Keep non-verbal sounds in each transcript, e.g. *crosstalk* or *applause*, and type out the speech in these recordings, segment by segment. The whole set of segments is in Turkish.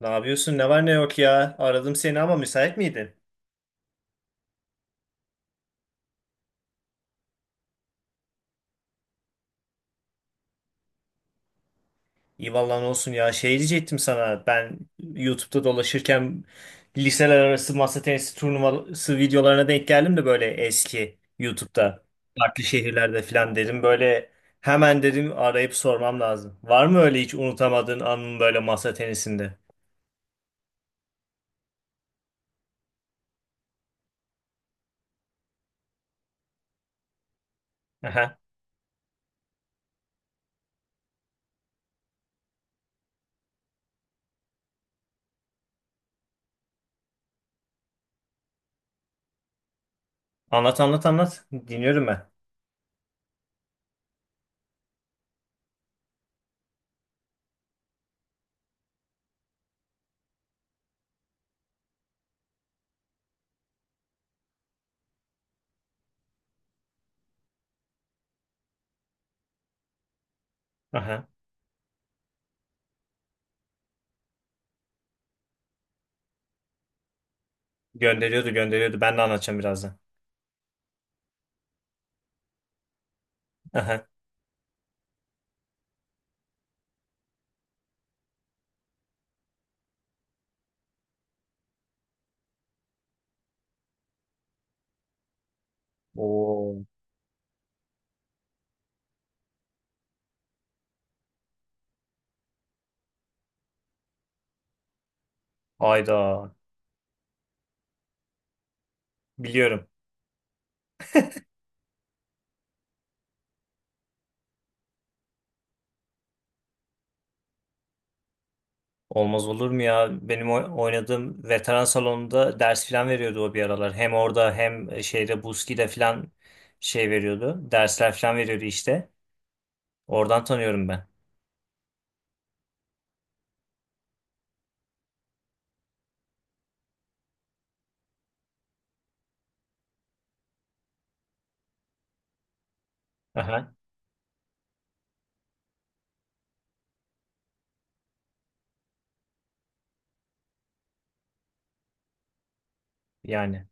Ne yapıyorsun? Ne var ne yok ya? Aradım seni ama müsait miydin? İyi vallahi ne olsun ya. Şey diyecektim sana. Ben YouTube'da dolaşırken liseler arası masa tenisi turnuvası videolarına denk geldim de böyle eski YouTube'da. Farklı şehirlerde falan dedim. Böyle hemen dedim arayıp sormam lazım. Var mı öyle hiç unutamadığın anın böyle masa tenisinde? Aha. Anlat anlat anlat. Dinliyorum ben. Aha. Gönderiyordu gönderiyordu. Ben de anlatacağım birazdan. Aha. Oo. Ayda. Biliyorum. Olmaz olur mu ya? Benim oynadığım veteran salonunda ders falan veriyordu o bir aralar. Hem orada hem şeyde Buski'de falan şey veriyordu. Dersler falan veriyordu işte. Oradan tanıyorum ben. Aha, yani.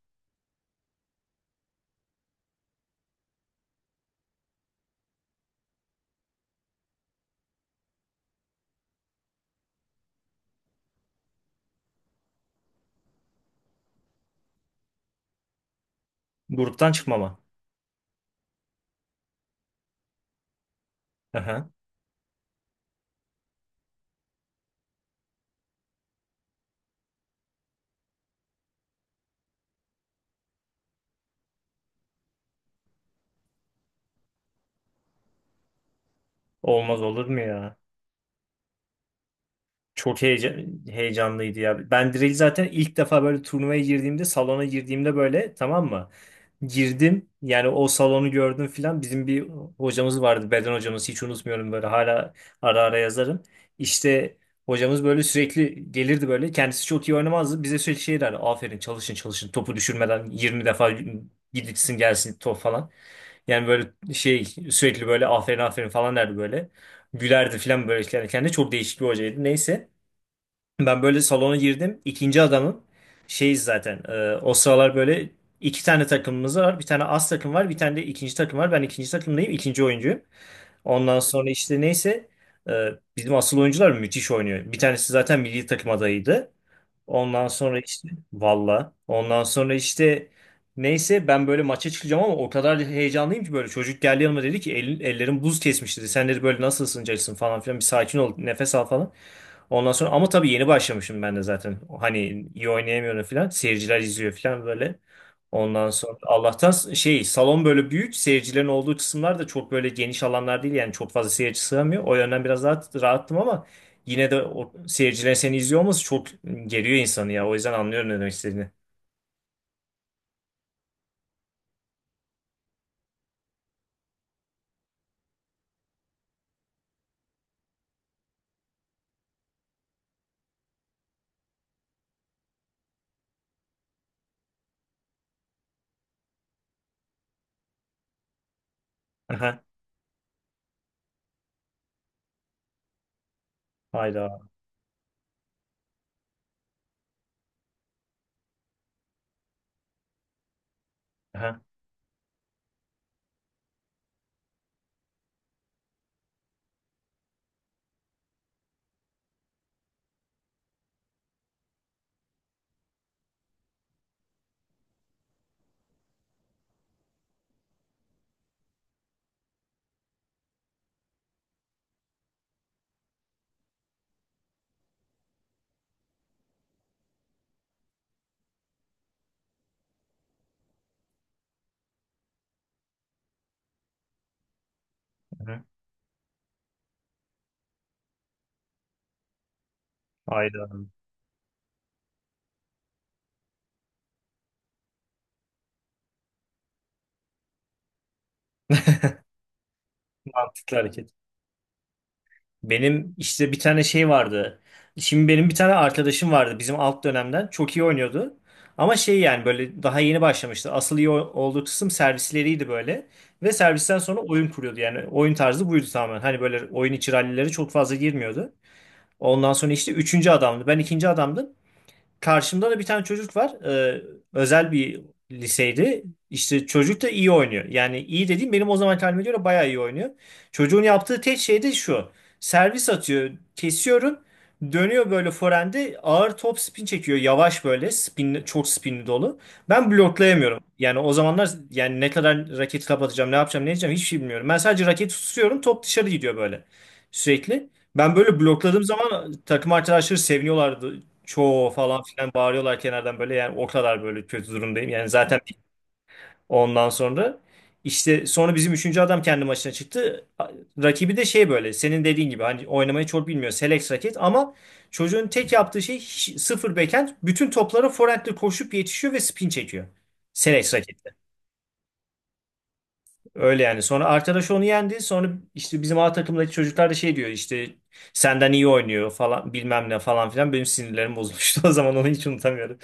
Gruptan çıkmama. Aha. Olmaz olur mu ya? Çok heyecanlıydı ya. Ben direkt zaten ilk defa böyle turnuvaya girdiğimde, salona girdiğimde böyle, tamam mı? Girdim yani, o salonu gördüm filan. Bizim bir hocamız vardı, beden hocamız, hiç unutmuyorum, böyle hala ara ara yazarım. İşte hocamız böyle sürekli gelirdi, böyle kendisi çok iyi oynamazdı. Bize sürekli şey derdi, aferin çalışın çalışın topu düşürmeden 20 defa gidilsin gelsin top falan. Yani böyle şey, sürekli böyle aferin aferin falan derdi böyle. Gülerdi filan böyle, yani kendi çok değişik bir hocaydı, neyse. Ben böyle salona girdim. İkinci adamım. Şeyiz zaten. O sıralar böyle iki tane takımımız var. Bir tane as takım var. Bir tane de ikinci takım var. Ben ikinci takımdayım, ikinci oyuncuyum. Ondan sonra işte neyse, e, bizim asıl oyuncular müthiş oynuyor. Bir tanesi zaten milli takım adayıydı. Ondan sonra işte valla. Ondan sonra işte neyse, ben böyle maça çıkacağım ama o kadar heyecanlıyım ki, böyle çocuk geldi yanıma, dedi ki "Elin- ellerim buz kesmiş," dedi. "Sen," dedi, "böyle nasıl ısınacaksın falan filan, bir sakin ol, nefes al falan." Ondan sonra ama tabii yeni başlamışım ben de zaten. Hani iyi oynayamıyorum falan. Seyirciler izliyor falan böyle. Ondan sonra Allah'tan şey, salon böyle büyük. Seyircilerin olduğu kısımlar da çok böyle geniş alanlar değil. Yani çok fazla seyirci sığamıyor. O yönden biraz daha rahattım ama yine de o seyircilerin seni izliyor olması çok geriyor insanı ya. O yüzden anlıyorum ne demek istediğini. Aha. Hayda. Aha. Aha. Hayda. Mantıklı hareket. Benim işte bir tane şey vardı. Şimdi benim bir tane arkadaşım vardı bizim alt dönemden. Çok iyi oynuyordu. Ama şey, yani böyle daha yeni başlamıştı. Asıl iyi olduğu kısım servisleriydi böyle. Ve servisten sonra oyun kuruyordu. Yani oyun tarzı buydu tamamen. Hani böyle oyun içi rallilere çok fazla girmiyordu. Ondan sonra işte üçüncü adamdı. Ben ikinci adamdım. Karşımda da bir tane çocuk var. Özel bir liseydi. İşte çocuk da iyi oynuyor. Yani iyi dediğim benim o zaman halime göre bayağı iyi oynuyor. Çocuğun yaptığı tek şey de şu. Servis atıyor, kesiyorum. Dönüyor böyle forehande ağır top spin çekiyor. Yavaş böyle spin, çok spinli dolu. Ben bloklayamıyorum. Yani o zamanlar yani ne kadar raketi kapatacağım, ne yapacağım, ne edeceğim, hiçbir şey bilmiyorum. Ben sadece raketi tutuyorum, top dışarı gidiyor böyle sürekli. Ben böyle blokladığım zaman takım arkadaşları seviniyorlardı, çoğu falan filan bağırıyorlar kenardan böyle, yani o kadar böyle kötü durumdayım. Yani zaten ondan sonra işte sonra bizim üçüncü adam kendi maçına çıktı. Rakibi de şey, böyle senin dediğin gibi hani oynamayı çok bilmiyor. Selex raket ama çocuğun tek yaptığı şey sıfır backhand. Bütün toplara forehandle koşup yetişiyor ve spin çekiyor. Selex raketle. Öyle yani. Sonra arkadaş onu yendi. Sonra işte bizim A takımdaki çocuklar da şey diyor, işte senden iyi oynuyor falan bilmem ne falan filan. Benim sinirlerim bozulmuştu *laughs* o zaman, onu hiç unutamıyorum.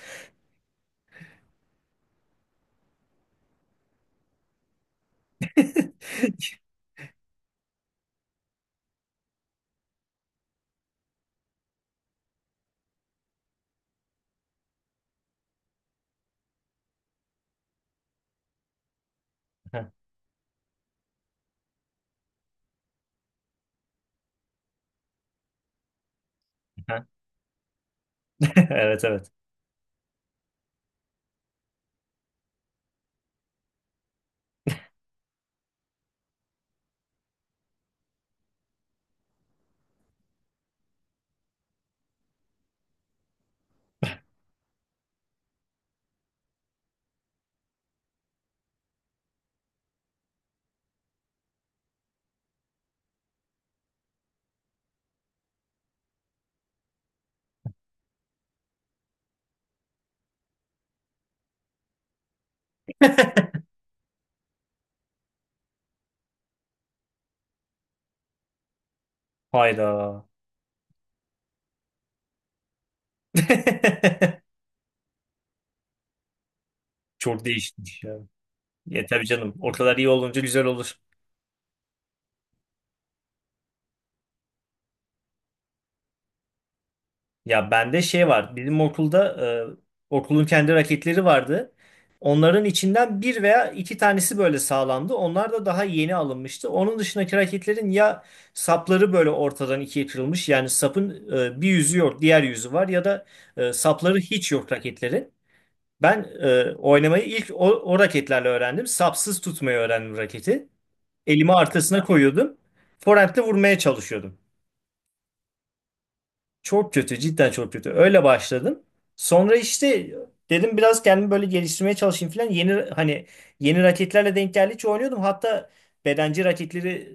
*laughs* *laughs* Evet, evet. Hayda. *laughs* Çok değişmiş ya. Ya tabii canım. O kadar iyi olunca güzel olur. Ya bende şey var. Bizim okulda okulun kendi raketleri vardı. Onların içinden bir veya iki tanesi böyle sağlamdı. Onlar da daha yeni alınmıştı. Onun dışındaki raketlerin ya sapları böyle ortadan ikiye kırılmış. Yani sapın bir yüzü yok, diğer yüzü var, ya da sapları hiç yok raketlerin. Ben oynamayı ilk o raketlerle öğrendim. Sapsız tutmayı öğrendim raketi. Elimi arkasına koyuyordum. Forehand'le vurmaya çalışıyordum. Çok kötü, cidden çok kötü. Öyle başladım. Sonra işte dedim biraz kendimi böyle geliştirmeye çalışayım falan. Yeni hani yeni raketlerle denk geldikçe oynuyordum. Hatta bedenci raketleri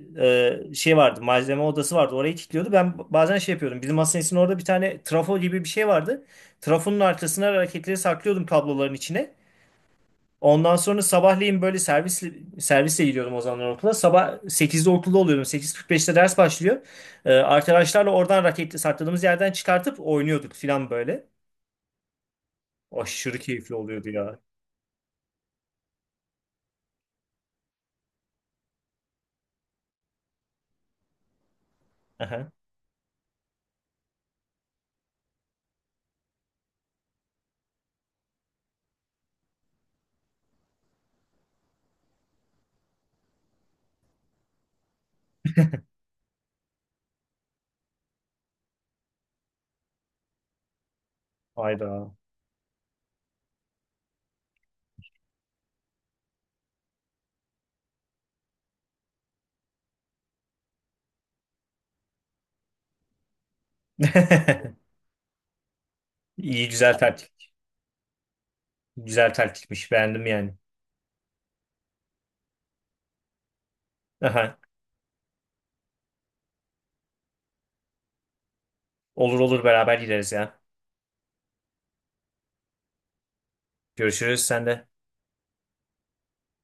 şey vardı, malzeme odası vardı. Orayı kilitliyordu. Ben bazen şey yapıyordum. Bizim hastanesinin orada bir tane trafo gibi bir şey vardı. Trafonun arkasına raketleri saklıyordum kabloların içine. Ondan sonra sabahleyin böyle servisle gidiyordum o zamanlar okula. Sabah 8'de okulda oluyordum. 8.45'te ders başlıyor. Arkadaşlarla oradan raketi sakladığımız yerden çıkartıp oynuyorduk filan böyle. Aşırı keyifli oluyordu ya. Aha. Hayda. *laughs* İyi, güzel taktik. Güzel taktikmiş. Beğendim yani. Aha. Olur olur, beraber gideriz ya. Görüşürüz sen de.